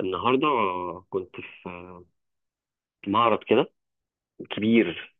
النهارده كنت في معرض كده كبير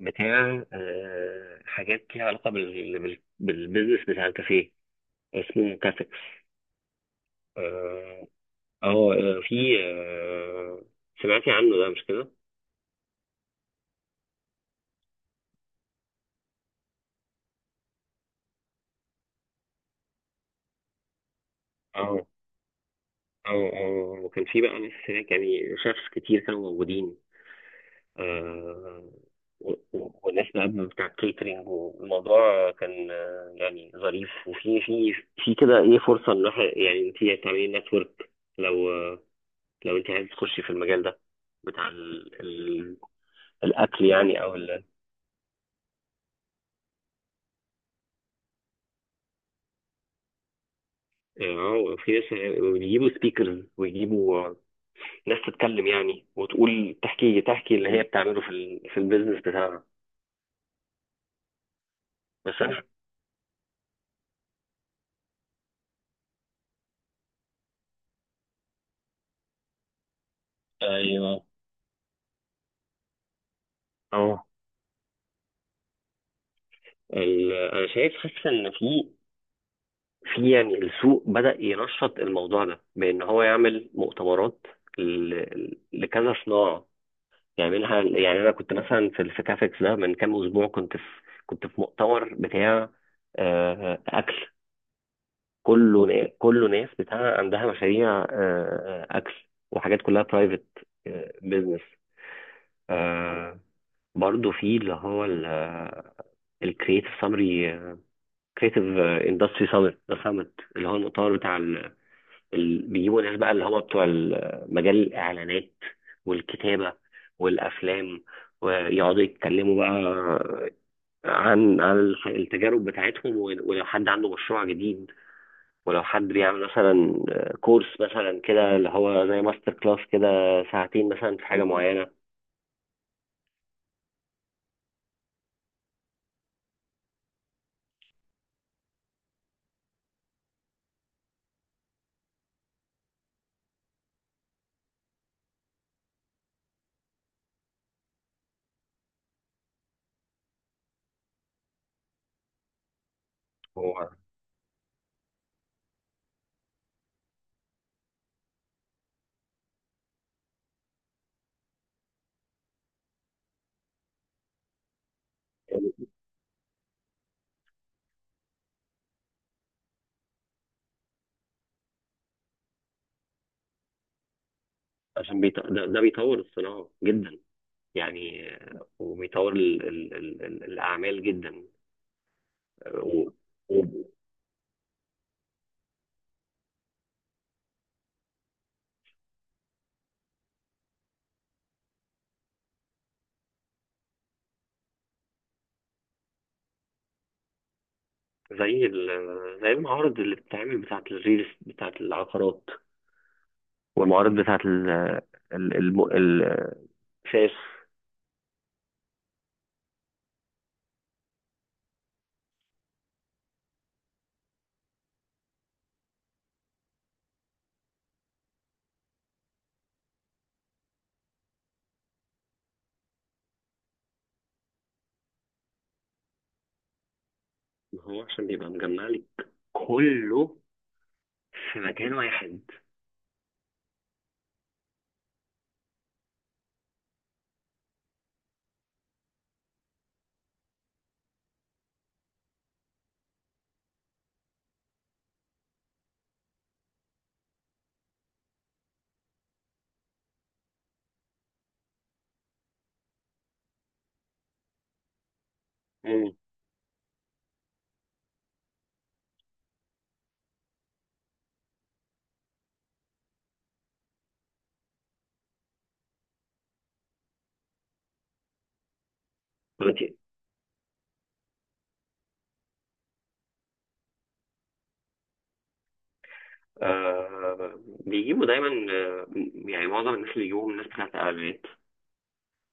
بتاع حاجات ليها علاقه بالبيزنس بتاع الكافيه. اسمه كافيكس. اه، في، آه، سمعتي عنه ده مش كده؟ اه اه اه. وكان في بقى ناس هناك يعني شيفs كتير كانوا موجودين، آه، والناس بقى بتاع الكيترينج. والموضوع كان يعني ظريف. وفي في في كده ايه فرصه ان الواحد يعني انت تعملي نتورك لو، لو انت عايز تخشي في المجال ده بتاع ال الاكل يعني او ال، اه. في ناس بيجيبوا سبيكرز ويجيبوا ناس تتكلم يعني، وتقول تحكي اللي هي بتعمله في البيزنس بتاعها. بس انا، ايوه، اه. انا شايف، حاسس ان في، يعني السوق بدأ ينشط الموضوع ده بإن هو يعمل مؤتمرات لكذا صناعة يعملها. يعني أنا كنت مثلا في كافكس ده من كام أسبوع. كنت في، كنت في مؤتمر بتاع أكل. كله ناس بتاع عندها مشاريع أكل، وحاجات كلها برايفت بيزنس. برضه في اللي هو الكريتيف سامري، كريتيف اندستري سامت، ده سامت اللي هو المؤتمر بتاع بيجيبوا ناس بقى اللي هو بتوع مجال الإعلانات والكتابة والأفلام، ويقعدوا يتكلموا بقى عن التجارب بتاعتهم. ولو حد عنده مشروع جديد، ولو حد بيعمل مثلا كورس مثلا كده اللي هو زي ماستر كلاس كده، ساعتين مثلا في حاجة معينة. هو عشان ده بيطور الصناعة جدا يعني، وبيطور الأعمال جدا. و... زي زي المعارض اللي بتتعمل بتاعة الريلز بتاعة العقارات، والمعارض بتاعة ال، ال- الم- ال- الشاش. ما هو عشان بيبقى مجمع لك كله في مكان واحد. مم. دلوقتي آه بيجيبوا دايما، آه، يعني معظم الناس اللي بيجيبوهم ناس بتاعت اعلانات.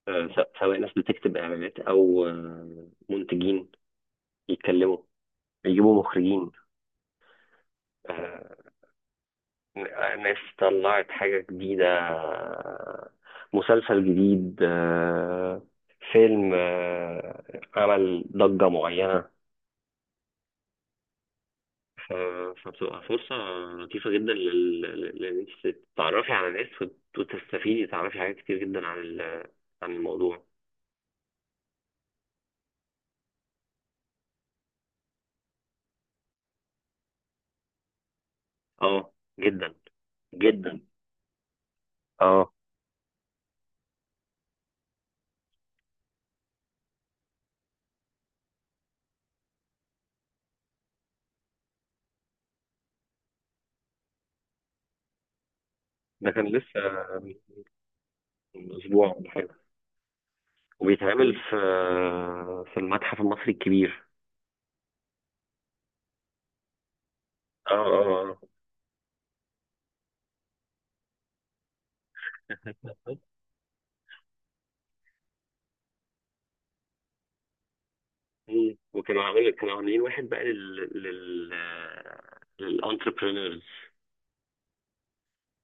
آه، سواء ناس بتكتب اعلانات او آه منتجين يتكلموا، يجيبوا مخرجين، آه، ناس طلعت حاجة جديدة، مسلسل جديد، فيلم، عمل ضجة معينة. ف- فبتبقى فرصة لطيفة جدا لأن أنت تتعرفي على ناس، وتستفيدي، تعرفي حاجات كتير جدا عن عن الموضوع. اه، جدا جدا. اه، ده كان لسه من أسبوع ولا حاجة، وبيتعمل في، في المتحف المصري الكبير. اه اه آه. مم. وكانوا عاملين كانوا عاملين واحد بقى لل لل للانتربرينورز.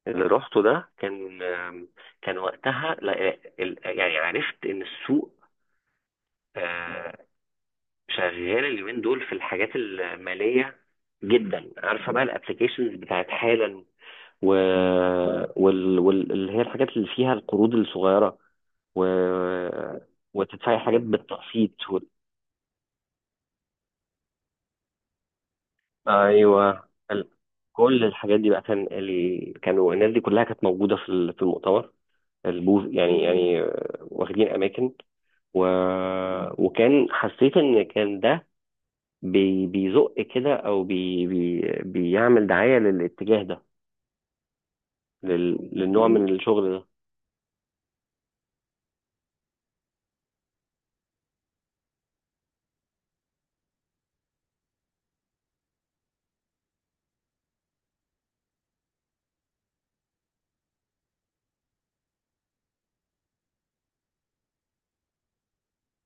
اللي رحته ده كان كان وقتها يعني عرفت ان السوق آه، شغال اليومين دول في الحاجات الماليه جدا. عارفه بقى الابلكيشنز بتاعت حالا، و... اللي هي الحاجات اللي فيها القروض الصغيره، و... وتدفعي حاجات بالتقسيط. ايوه. كل الحاجات دي بقى كان كانوا الناس دي كلها كانت موجوده في المؤتمر البوز يعني. يعني واخدين اماكن. و... وكان، حسيت ان كان ده بيزق كده، او بيعمل دعايه للاتجاه ده، للنوع من الشغل ده.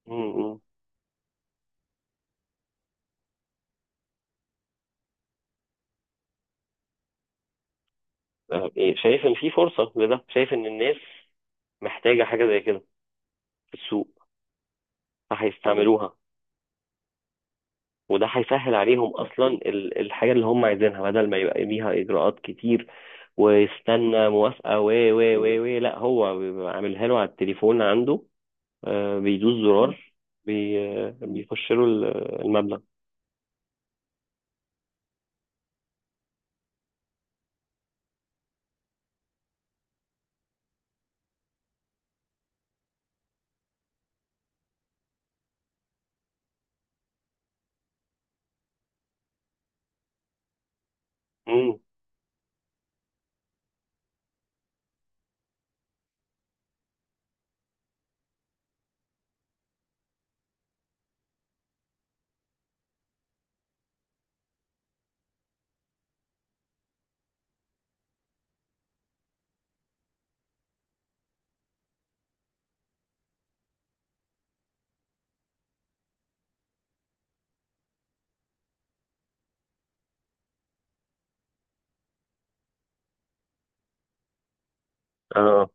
م- م. آه، إيه، شايف ان في فرصه لده، شايف ان الناس محتاجه حاجه زي كده في السوق، فهيستعملوها، وده هيسهل عليهم اصلا الحاجه اللي هم عايزينها، بدل ما يبقى ليها اجراءات كتير، ويستنى موافقه و و و و لا هو بيبقى عاملها له على التليفون عنده، بيدوس زرار، بيخش له المبلغ. مم. اه،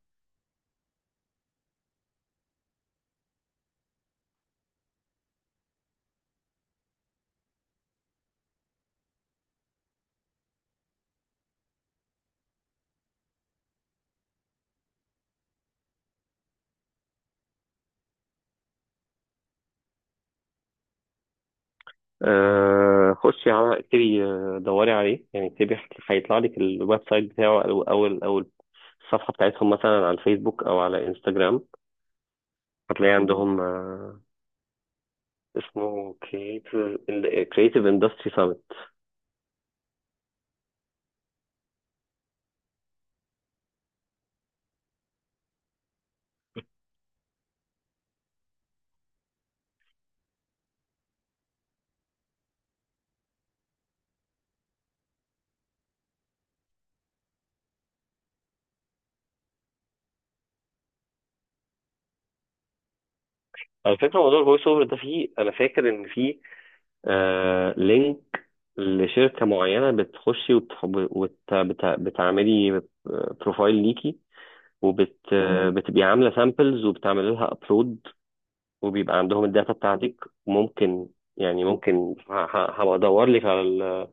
خشي على اكتبي، دوري عليه يعني، اكتبي هيطلع لك الويب سايت بتاعه، او او الصفحه بتاعتهم مثلا على الفيسبوك او على انستجرام، هتلاقي عندهم. اسمه كريتيف، كريتيف اندستري سامت. على فكره موضوع الفويس اوفر ده فيه، انا فاكر ان فيه آه لينك لشركه معينه بتخشي بتعملي بروفايل ليكي، وبت مم. بتبقي عامله سامبلز، وبتعمل لها ابلود، وبيبقى عندهم الداتا بتاعتك. ممكن يعني ممكن هبقى ادور لك على ال...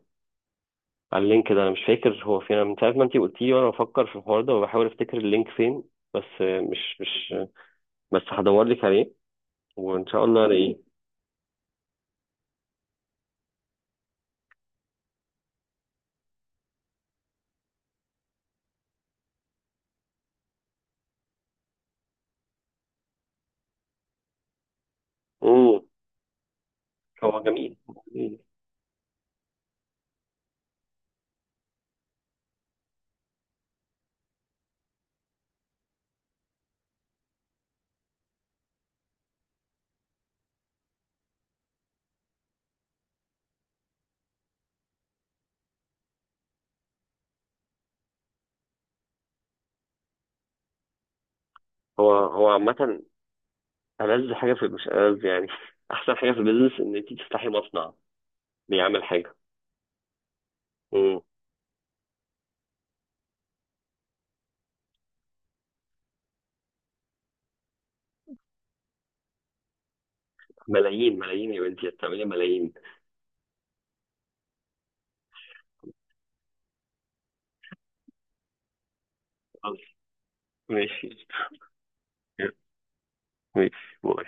على اللينك ده. انا مش فاكر هو فين. أنا من ساعه ما انت قلتي لي وانا بفكر في الحوار ده، وبحاول افتكر اللينك فين، بس آه، مش مش بس هدور لك عليه، وان شاء الله الاقيه. امم. هو جميل، جميل. هو هو عامة ألذ حاجة في، مش ألذ يعني أحسن حاجة في البيزنس إن أنت تفتحي مصنع بيعمل حاجة. امم. ملايين، ملايين يا بنتي، هتعملي ملايين. خلاص. ماشي ماشي. باي.